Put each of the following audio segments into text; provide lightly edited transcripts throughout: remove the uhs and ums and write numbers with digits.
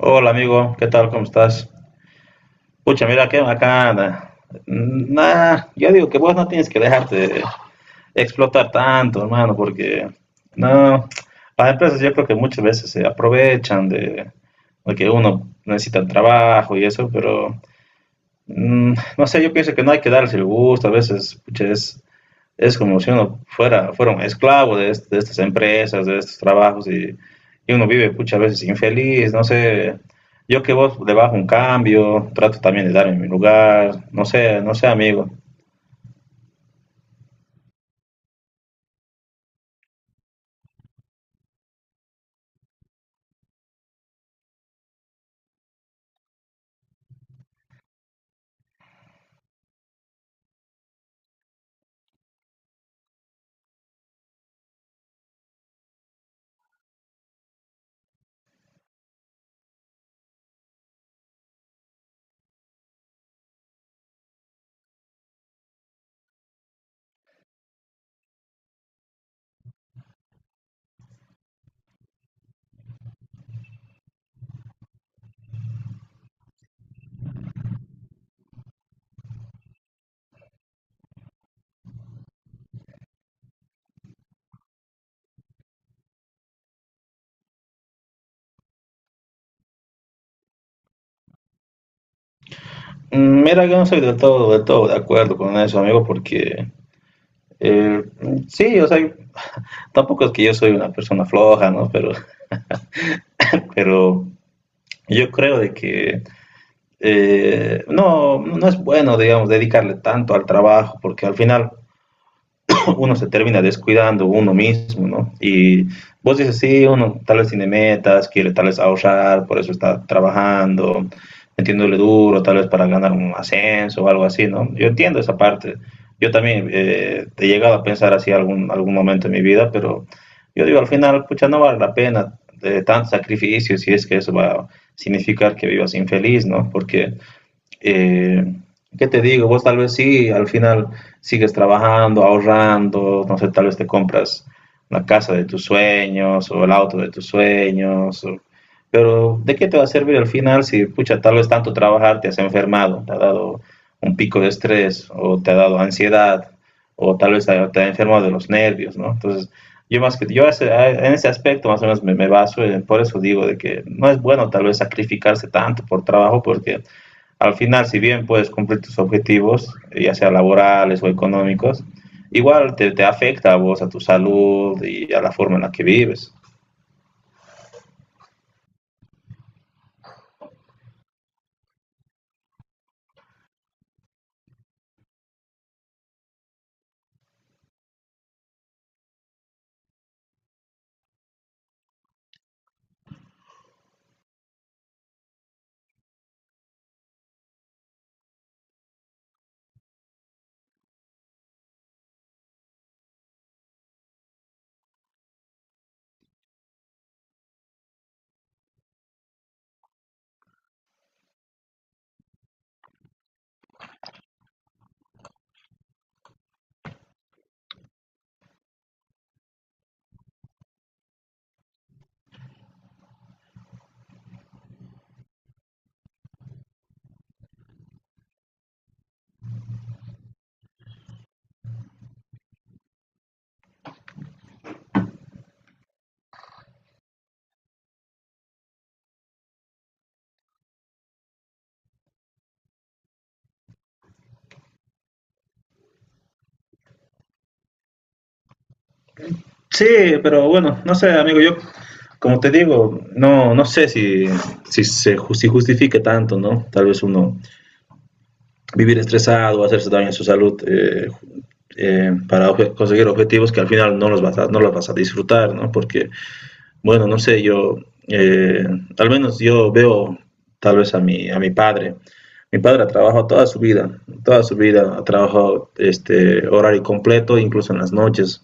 Hola amigo, ¿qué tal? ¿Cómo estás? Pucha, mira que acá, nah, yo digo que vos no tienes que dejarte explotar tanto, hermano, porque no, las empresas yo creo que muchas veces se aprovechan de que uno necesita el trabajo y eso, pero no sé, yo pienso que no hay que darse el gusto, a veces, pucha, es como si uno fuera un esclavo de estas empresas, de estos trabajos, y uno vive muchas veces infeliz, no sé, yo que vos le bajo un cambio, trato también de darme mi lugar, no sé, no sé, amigo. Mm, mira, yo no soy del todo de acuerdo con eso, amigo, porque eh, sí, o sea, tampoco es que yo soy una persona floja, ¿no? Pero, pero yo creo de que no es bueno, digamos, dedicarle tanto al trabajo, porque al final uno se termina descuidando uno mismo, ¿no? Y vos dices, sí, uno tal vez tiene metas, quiere tal vez ahorrar, por eso está trabajando, metiéndole duro, tal vez para ganar un ascenso o algo así, ¿no? Yo entiendo esa parte. Yo también he llegado a pensar así algún momento en mi vida, pero yo digo, al final, pucha, no vale la pena de tanto sacrificio si es que eso va a significar que vivas infeliz, ¿no? Porque eh, ¿qué te digo? Vos tal vez sí, al final sigues trabajando, ahorrando, no sé, tal vez te compras la casa de tus sueños o el auto de tus sueños, o pero ¿de qué te va a servir al final si, pucha, tal vez tanto trabajar te has enfermado, te ha dado un pico de estrés o te ha dado ansiedad o tal vez te ha enfermado de los nervios, ¿no? Entonces, yo más que yo en ese aspecto más o menos me baso, por eso digo de que no es bueno tal vez sacrificarse tanto por trabajo porque al final, si bien puedes cumplir tus objetivos, ya sea laborales o económicos, igual te afecta a vos, a tu salud y a la forma en la que vives. Sí, pero bueno, no sé, amigo, yo, como te digo, no, no sé si se si justifique tanto, ¿no? Tal vez uno vivir estresado, hacerse daño en su salud para conseguir objetivos que al final no los vas no los vas a disfrutar, ¿no? Porque bueno, no sé, yo, eh, al menos yo veo tal vez a a mi padre. Mi padre ha trabajado toda su vida ha trabajado este horario completo, incluso en las noches.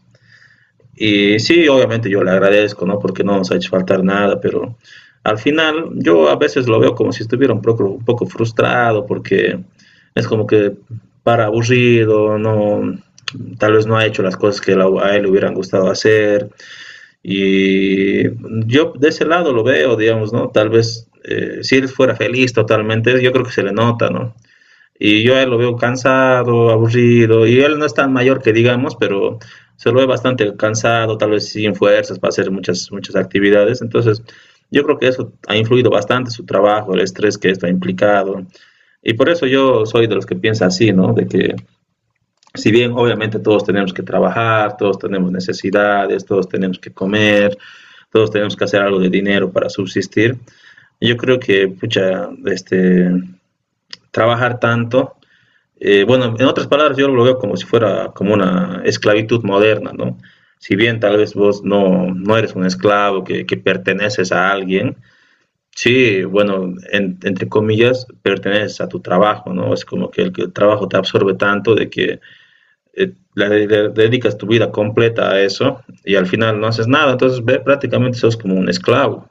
Y sí, obviamente yo le agradezco, ¿no? Porque no nos ha hecho faltar nada, pero al final yo a veces lo veo como si estuviera un un poco frustrado, porque es como que para aburrido, no, tal vez no ha hecho las cosas que a él le hubieran gustado hacer y yo de ese lado lo veo, digamos, ¿no? Tal vez si él fuera feliz totalmente, yo creo que se le nota, ¿no? Y yo a él lo veo cansado, aburrido, y él no es tan mayor que digamos, pero se lo ve bastante cansado, tal vez sin fuerzas para hacer muchas, muchas actividades. Entonces, yo creo que eso ha influido bastante su trabajo, el estrés que esto ha implicado. Y por eso yo soy de los que piensa así, ¿no? De que si bien obviamente todos tenemos que trabajar, todos tenemos necesidades, todos tenemos que comer, todos tenemos que hacer algo de dinero para subsistir, yo creo que, pucha, este, trabajar tanto, bueno, en otras palabras yo lo veo como si fuera como una esclavitud moderna, ¿no? Si bien tal vez vos no, no eres un esclavo que perteneces a alguien, sí, bueno, entre comillas, perteneces a tu trabajo, ¿no? Es como que que el trabajo te absorbe tanto de que le dedicas tu vida completa a eso y al final no haces nada, entonces ve, prácticamente sos como un esclavo.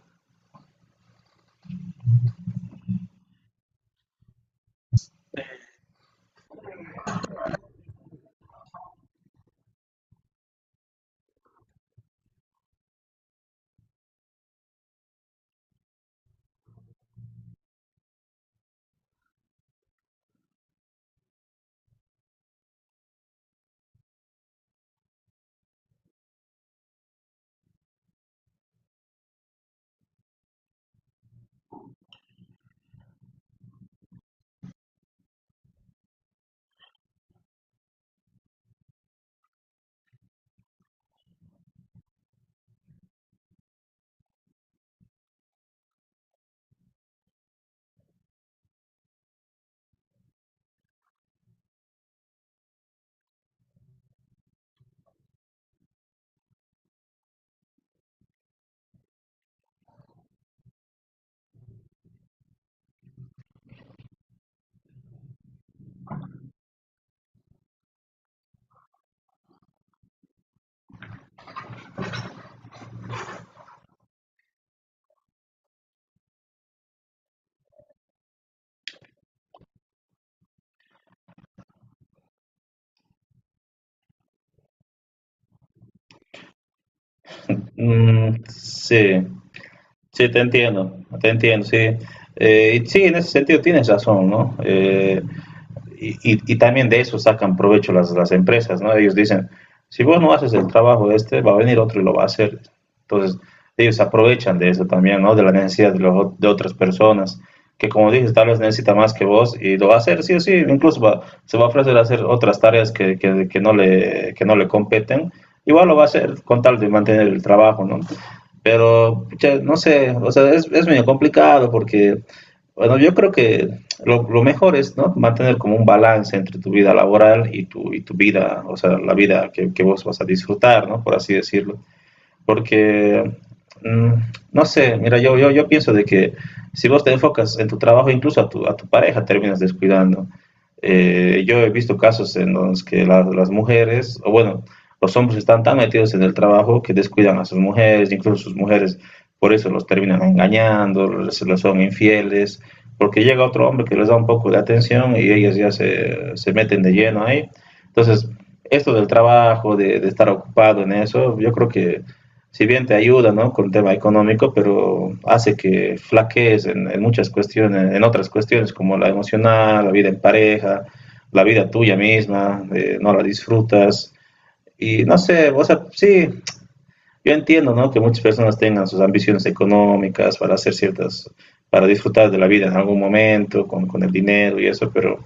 Mm, sí, sí, te entiendo, sí. Sí, en ese sentido tienes razón, ¿no? También de eso sacan provecho las empresas, ¿no? Ellos dicen, si vos no haces el trabajo de este, va a venir otro y lo va a hacer. Entonces, ellos aprovechan de eso también, ¿no? De la necesidad de otras personas, que como dices, tal vez necesita más que vos y lo va a hacer, sí o sí, incluso va, se va a ofrecer a hacer otras tareas que no le competen, igual lo va a hacer con tal de mantener el trabajo, ¿no? Pero, no sé, o sea, es medio complicado porque bueno, yo creo que lo mejor es, ¿no? Mantener como un balance entre tu vida laboral y y tu vida, o sea, la vida que vos vas a disfrutar, ¿no? Por así decirlo porque, mm, no sé, mira, yo pienso de que si vos te enfocas en tu trabajo, incluso a a tu pareja terminas descuidando. Yo he visto casos en los que las mujeres, o bueno, los hombres están tan metidos en el trabajo que descuidan a sus mujeres, incluso sus mujeres por eso los terminan engañando, se los son infieles, porque llega otro hombre que les da un poco de atención y ellas ya se meten de lleno ahí. Entonces, esto del trabajo, de estar ocupado en eso, yo creo que si bien te ayuda, ¿no? Con el tema económico, pero hace que flaquees en muchas cuestiones, en otras cuestiones como la emocional, la vida en pareja, la vida tuya misma, no la disfrutas. Y no sé, o sea, sí, yo entiendo, ¿no? Que muchas personas tengan sus ambiciones económicas para hacer ciertas, para disfrutar de la vida en algún momento, con el dinero y eso, pero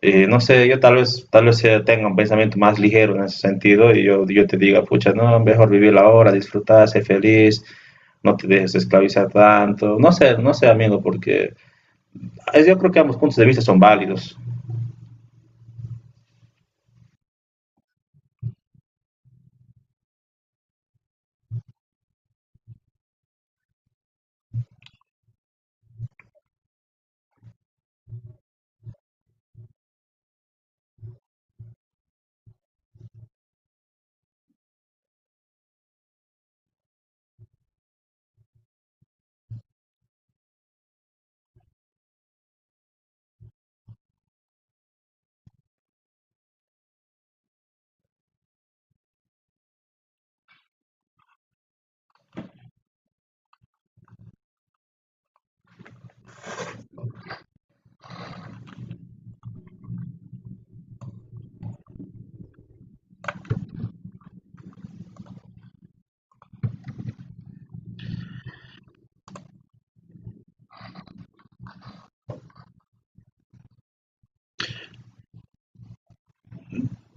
no sé, yo tal vez tenga un pensamiento más ligero en ese sentido y yo te diga, pucha, no, mejor vivir la hora, disfrutar, ser feliz, no te dejes esclavizar tanto. No sé, no sé, amigo, porque yo creo que ambos puntos de vista son válidos.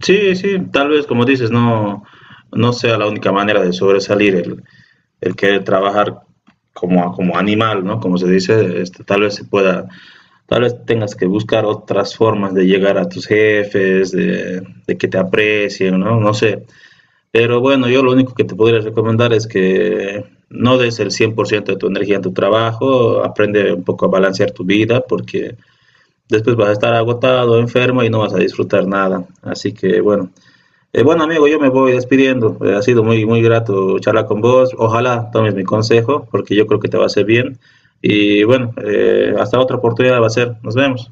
Sí, sí, tal vez como dices, no, no sea la única manera de sobresalir el querer trabajar como, como animal, ¿no? Como se dice, este, tal vez se pueda tal vez tengas que buscar otras formas de llegar a tus jefes, de que te aprecien, ¿no? No sé. Pero bueno, yo lo único que te podría recomendar es que no des el 100% de tu energía en tu trabajo, aprende un poco a balancear tu vida porque después vas a estar agotado, enfermo y no vas a disfrutar nada. Así que bueno, bueno amigo, yo me voy despidiendo. Ha sido muy, muy grato charlar con vos. Ojalá tomes mi consejo porque yo creo que te va a hacer bien. Y bueno, hasta otra oportunidad va a ser. Nos vemos.